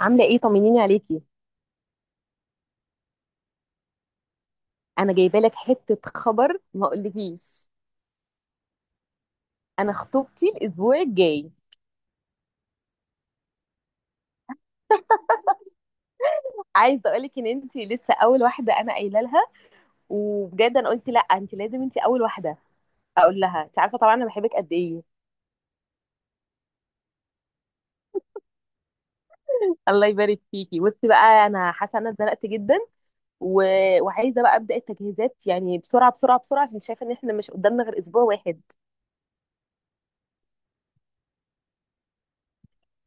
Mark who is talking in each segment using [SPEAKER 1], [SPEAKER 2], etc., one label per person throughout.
[SPEAKER 1] عامله ايه؟ طمنيني عليكي. انا جايبه لك حته خبر ما اقولكيش. انا خطوبتي الاسبوع الجاي. عايزه اقولك ان انت لسه اول واحده انا قايله لها، وبجد انا قلت لا، انت لازم انت اول واحده اقول لها. انت عارفه طبعا انا بحبك قد ايه. الله يبارك فيكي. بصي بقى، انا حاسه ان انا اتزنقت جدا و... وعايزه بقى ابدا التجهيزات، يعني بسرعه بسرعه بسرعه، عشان شايفه ان احنا مش قدامنا غير اسبوع واحد.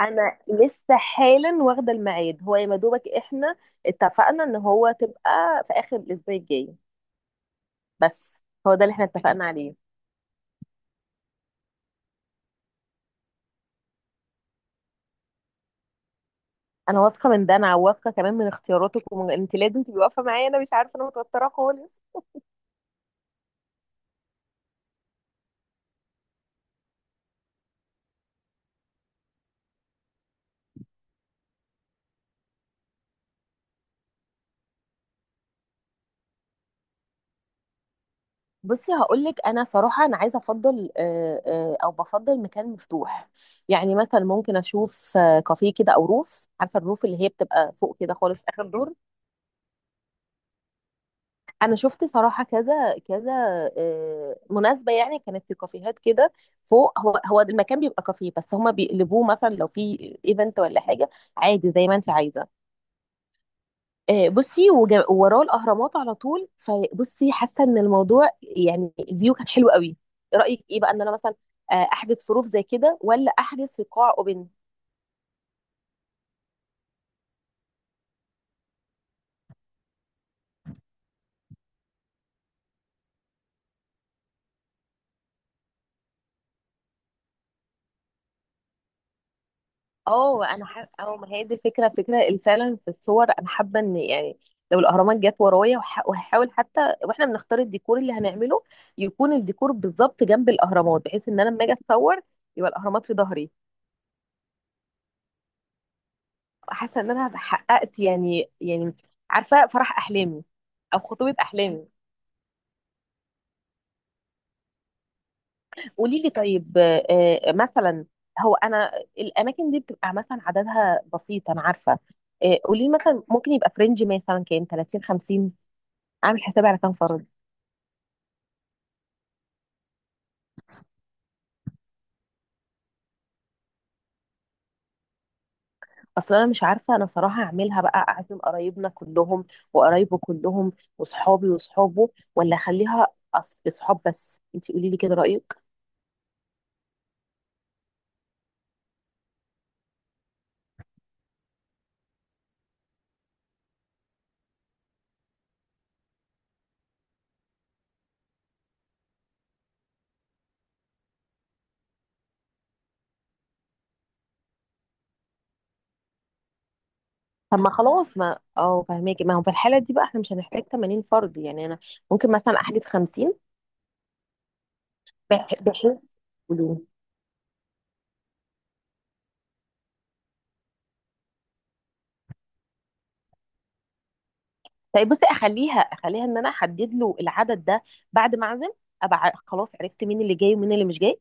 [SPEAKER 1] انا لسه حالا واخده الميعاد، هو يا مدوبك احنا اتفقنا ان هو تبقى في اخر الاسبوع الجاي بس. هو ده اللي احنا اتفقنا عليه. انا واثقه من ده، انا واثقه كمان من اختياراتك، ومن انت لازم تبقي واقفه معايا. انا مش عارفه، انا متوتره خالص. بصي هقول لك، انا صراحه انا عايزه افضل، او بفضل مكان مفتوح. يعني مثلا ممكن اشوف كافيه كده، او روف، عارفه الروف اللي هي بتبقى فوق كده خالص، اخر دور. انا شفت صراحه كذا كذا مناسبه، يعني كانت في كافيهات كده فوق، هو هو المكان بيبقى كافيه بس هما بيقلبوه مثلا لو في ايفنت ولا حاجه عادي زي ما انت عايزه. بصي، ووراه الاهرامات على طول، فبصي حاسه ان الموضوع، يعني الفيو كان حلو قوي. رايك ايه بقى ان انا مثلا احجز في روف زي كده، ولا احجز في قاع اوبن؟ اه، ما هي دي الفكره، فكره فعلا. في الصور انا حابه ان، يعني لو الاهرامات جت ورايا، وهحاول حتى واحنا بنختار الديكور اللي هنعمله، يكون الديكور بالظبط جنب الاهرامات، بحيث ان انا لما اجي اتصور يبقى الاهرامات في ظهري. حاسه ان انا حققت، يعني عارفه فرح احلامي، او خطوبه احلامي. قولي لي طيب، مثلا هو انا، الاماكن دي بتبقى مثلا عددها بسيط انا عارفه. قولي لي مثلا ممكن يبقى فرنج مثلا كام، 30، 50؟ اعمل حسابي على كام فرد؟ اصل انا مش عارفه، انا صراحه اعملها بقى اعزم قرايبنا كلهم وقرايبه كلهم وصحابي وصحابه، ولا اخليها اصحاب بس؟ انت قولي لي كده رايك. طب ما خلاص، ما فهماكي. ما هو في الحاله دي بقى احنا مش هنحتاج 80 فرد، يعني انا ممكن مثلا احجز 50. بحيث، قولي، طيب بصي، اخليها ان انا احدد له العدد ده بعد ما اعزم، ابقى خلاص عرفت مين اللي جاي ومين اللي مش جاي.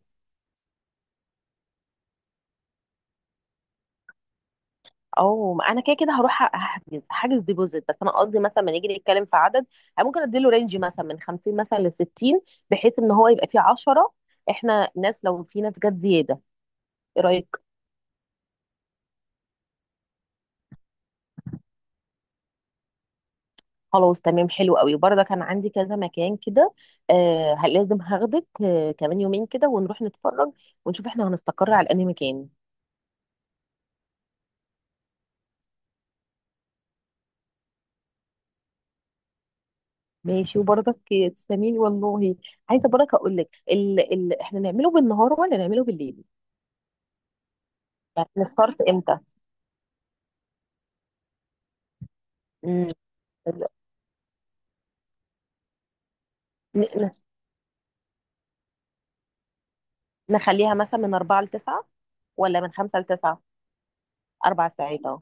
[SPEAKER 1] او ما انا كده كده هروح هحجز حاجز ديبوزيت، بس انا قصدي مثلا ما نيجي نتكلم في عدد، أنا ممكن اديله رينج مثلا من 50 مثلا ل 60، بحيث ان هو يبقى فيه 10 احنا ناس لو في ناس جت زياده. ايه رايك؟ خلاص، تمام، حلو قوي. برضه كان عندي كذا مكان كده، لازم هاخدك كمان يومين كده ونروح نتفرج، ونشوف احنا هنستقر على انهي مكان. ماشي، وبرضك تسلميلي والله. عايزه بركه اقول لك احنا نعمله بالنهار ولا نعمله بالليل؟ يعني نستارت امتى؟ امم ال- ن... ن- نخليها مثلا من 4 ل 9، ولا من 5 ل 9؟ اربع ساعات اهو.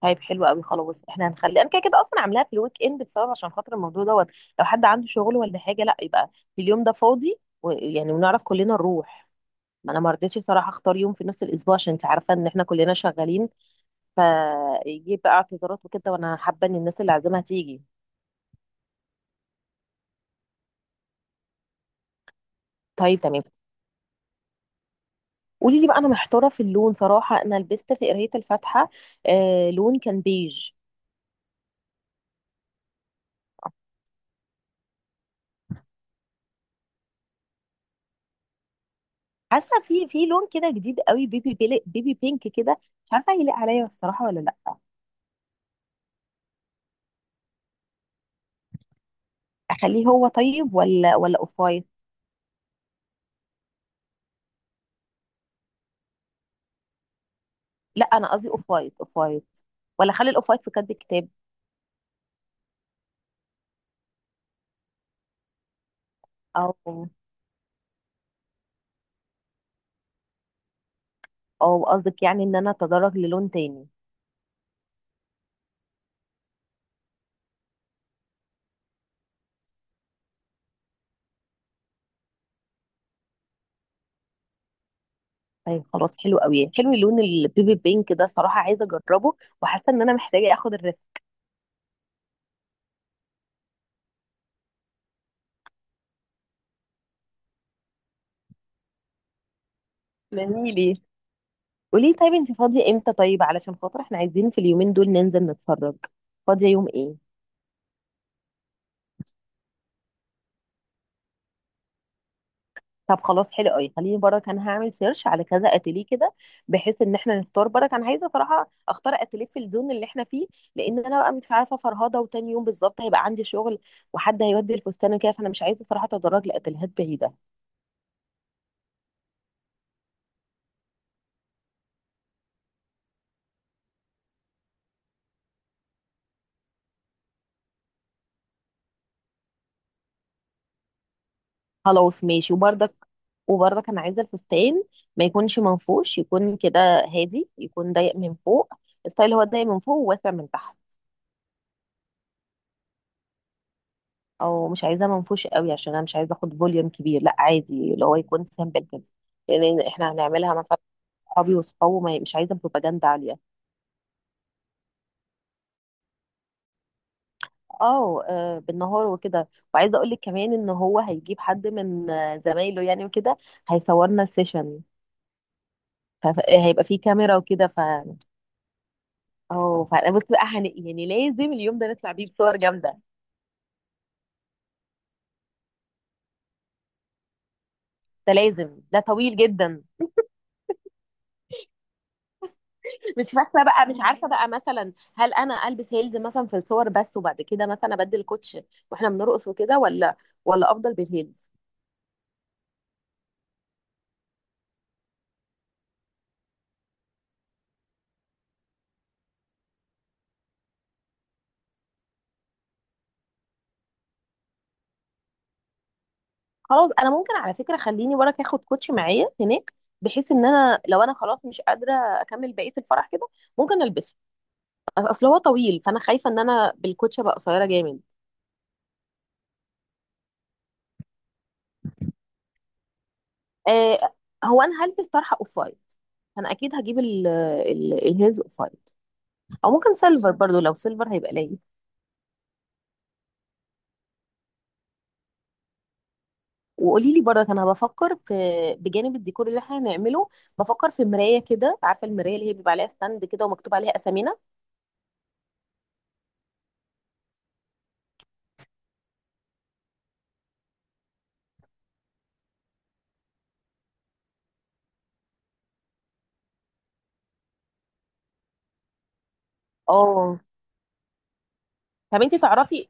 [SPEAKER 1] طيب حلو قوي. خلاص، احنا هنخلي، انا كده كده اصلا عاملاها في الويك اند بسبب، عشان خاطر الموضوع دوت، لو حد عنده شغل ولا حاجه لا، يبقى في اليوم ده فاضي ويعني ونعرف كلنا نروح. ما انا ما رضيتش صراحه اختار يوم في نص الاسبوع، عشان انت عارفه ان احنا كلنا شغالين، فيجيب بقى اعتذارات وكده، وانا حابه ان الناس اللي عازمها تيجي. طيب تمام. قولي لي بقى، انا محتاره في اللون صراحه. انا لبست في قرايه الفاتحه آه لون كان بيج. حاسه في لون كده جديد قوي، بيبي بينك كده. مش عارفه هيليق عليا الصراحه ولا لا. اخليه هو طيب، ولا اوف وايت؟ لا انا قصدي اوف وايت، اوف وايت. ولا اخلي الاوف وايت في كد الكتاب؟ او او قصدك يعني ان انا اتدرج للون تاني؟ طيب خلاص، حلو قوي. حلو اللون البيبي بينك ده صراحة، عايزة اجربه وحاسة ان انا محتاجة اخد الريسك. ليه، ليه؟ قولي طيب، انت فاضية امتى؟ طيب علشان خاطر احنا عايزين في اليومين دول ننزل نتفرج. فاضية يوم ايه؟ طب خلاص، حلو قوي. خليني برك انا هعمل سيرش على كذا اتيليه كده، بحيث ان احنا نختار برك. انا عايزة صراحة اختار اتيليه في الزون اللي احنا فيه، لان انا بقى مش عارفة فرهضة، وتاني يوم بالظبط هيبقى عندي شغل وحد هيودي الفستان كده، فانا مش عايزة صراحة اتدرج لاتيليهات بعيدة. خلاص، ماشي وبرضك. انا عايزه الفستان ما يكونش منفوش، يكون كده هادي، يكون ضيق من فوق. الستايل هو ضيق من فوق وواسع من تحت. او مش عايزاه منفوش قوي، عشان انا مش عايزه اخد فوليوم كبير، لا عادي، اللي هو يكون سامبل كده، لان احنا هنعملها مثلا صحابي وصحابه، مش عايزه بروباجندا عاليه. اه، بالنهار وكده. وعايزه اقول لك كمان ان هو هيجيب حد من زمايله يعني وكده، هيصورنا السيشن، فهيبقى فيه كاميرا وكده. اه، فبص بقى، يعني لازم اليوم ده نطلع بيه بصور جامده. ده لازم، ده طويل جدا. مش فاكره بقى، مش عارفه بقى مثلا هل انا البس هيلز مثلا في الصور بس وبعد كده مثلا ابدل كوتش واحنا بنرقص وكده، ولا افضل بالهيلز؟ خلاص، انا ممكن على فكره خليني وراك اخد كوتش معايا هناك، بحيث ان انا لو انا خلاص مش قادره اكمل بقيه الفرح كده ممكن البسه، اصل هو طويل، فانا خايفه ان انا بالكوتش ابقى قصيره جامد. آه، هو انا هلبس طرحه اوف وايت، انا اكيد هجيب ال ال الهيلز اوف وايت، او ممكن سيلفر برضو، لو سيلفر هيبقى ليا. وقولي لي برضك، انا بفكر في، بجانب الديكور اللي احنا هنعمله، بفكر في مرايه كده، عارفه المرايه اللي هي بيبقى عليها ستاند كده ومكتوب عليها اسامينا. اه، طب انت تعرفي،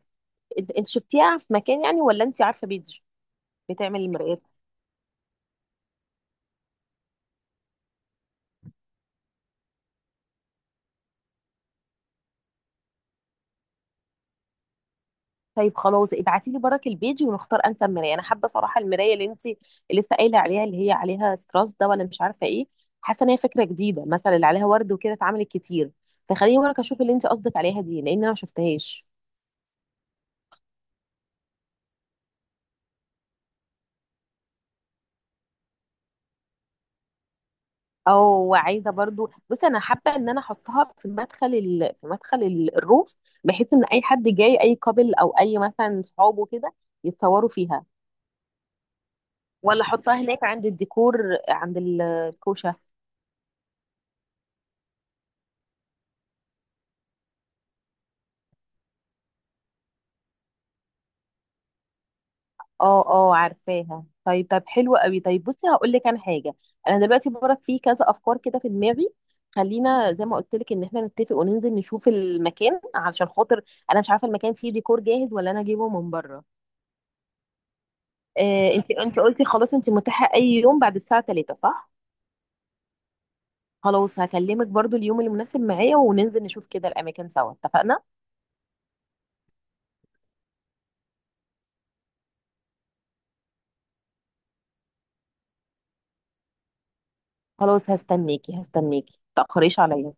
[SPEAKER 1] انت شفتيها في مكان يعني، ولا انت عارفه بيج بتعمل المرايات؟ طيب خلاص، ابعتي لي برك البيج ونختار انسب مرايه. انا حابه صراحه المرايه اللي انت لسه قايله عليها، اللي هي عليها ستراس ده ولا مش عارفه ايه. حاسه ان هي فكره جديده، مثلا اللي عليها ورد وكده اتعملت كتير، فخليني برك اشوف اللي انت قصدك عليها دي، لان انا ما شفتهاش. او عايزه برضو، بصي انا حابه ان انا احطها في مدخل في مدخل الروف، بحيث ان اي حد جاي اي كابل او اي مثلا صحابه كده يتصوروا فيها، ولا احطها هناك عند الديكور عند الكوشه؟ اه اه، عارفاها. طيب، حلو قوي. طيب بصي، هقول لك انا حاجه، انا دلوقتي برك في كذا افكار كده في دماغي، خلينا زي ما قلت لك ان احنا نتفق وننزل نشوف المكان، علشان خاطر انا مش عارفه المكان فيه ديكور جاهز ولا انا اجيبه من بره. انت، انت قلتي خلاص انت متاحه اي يوم بعد الساعه 3، صح؟ خلاص، هكلمك برضو اليوم المناسب معايا وننزل نشوف كده الاماكن سوا، اتفقنا. خلاص، هستناكي هستناكي، متأخريش عليا.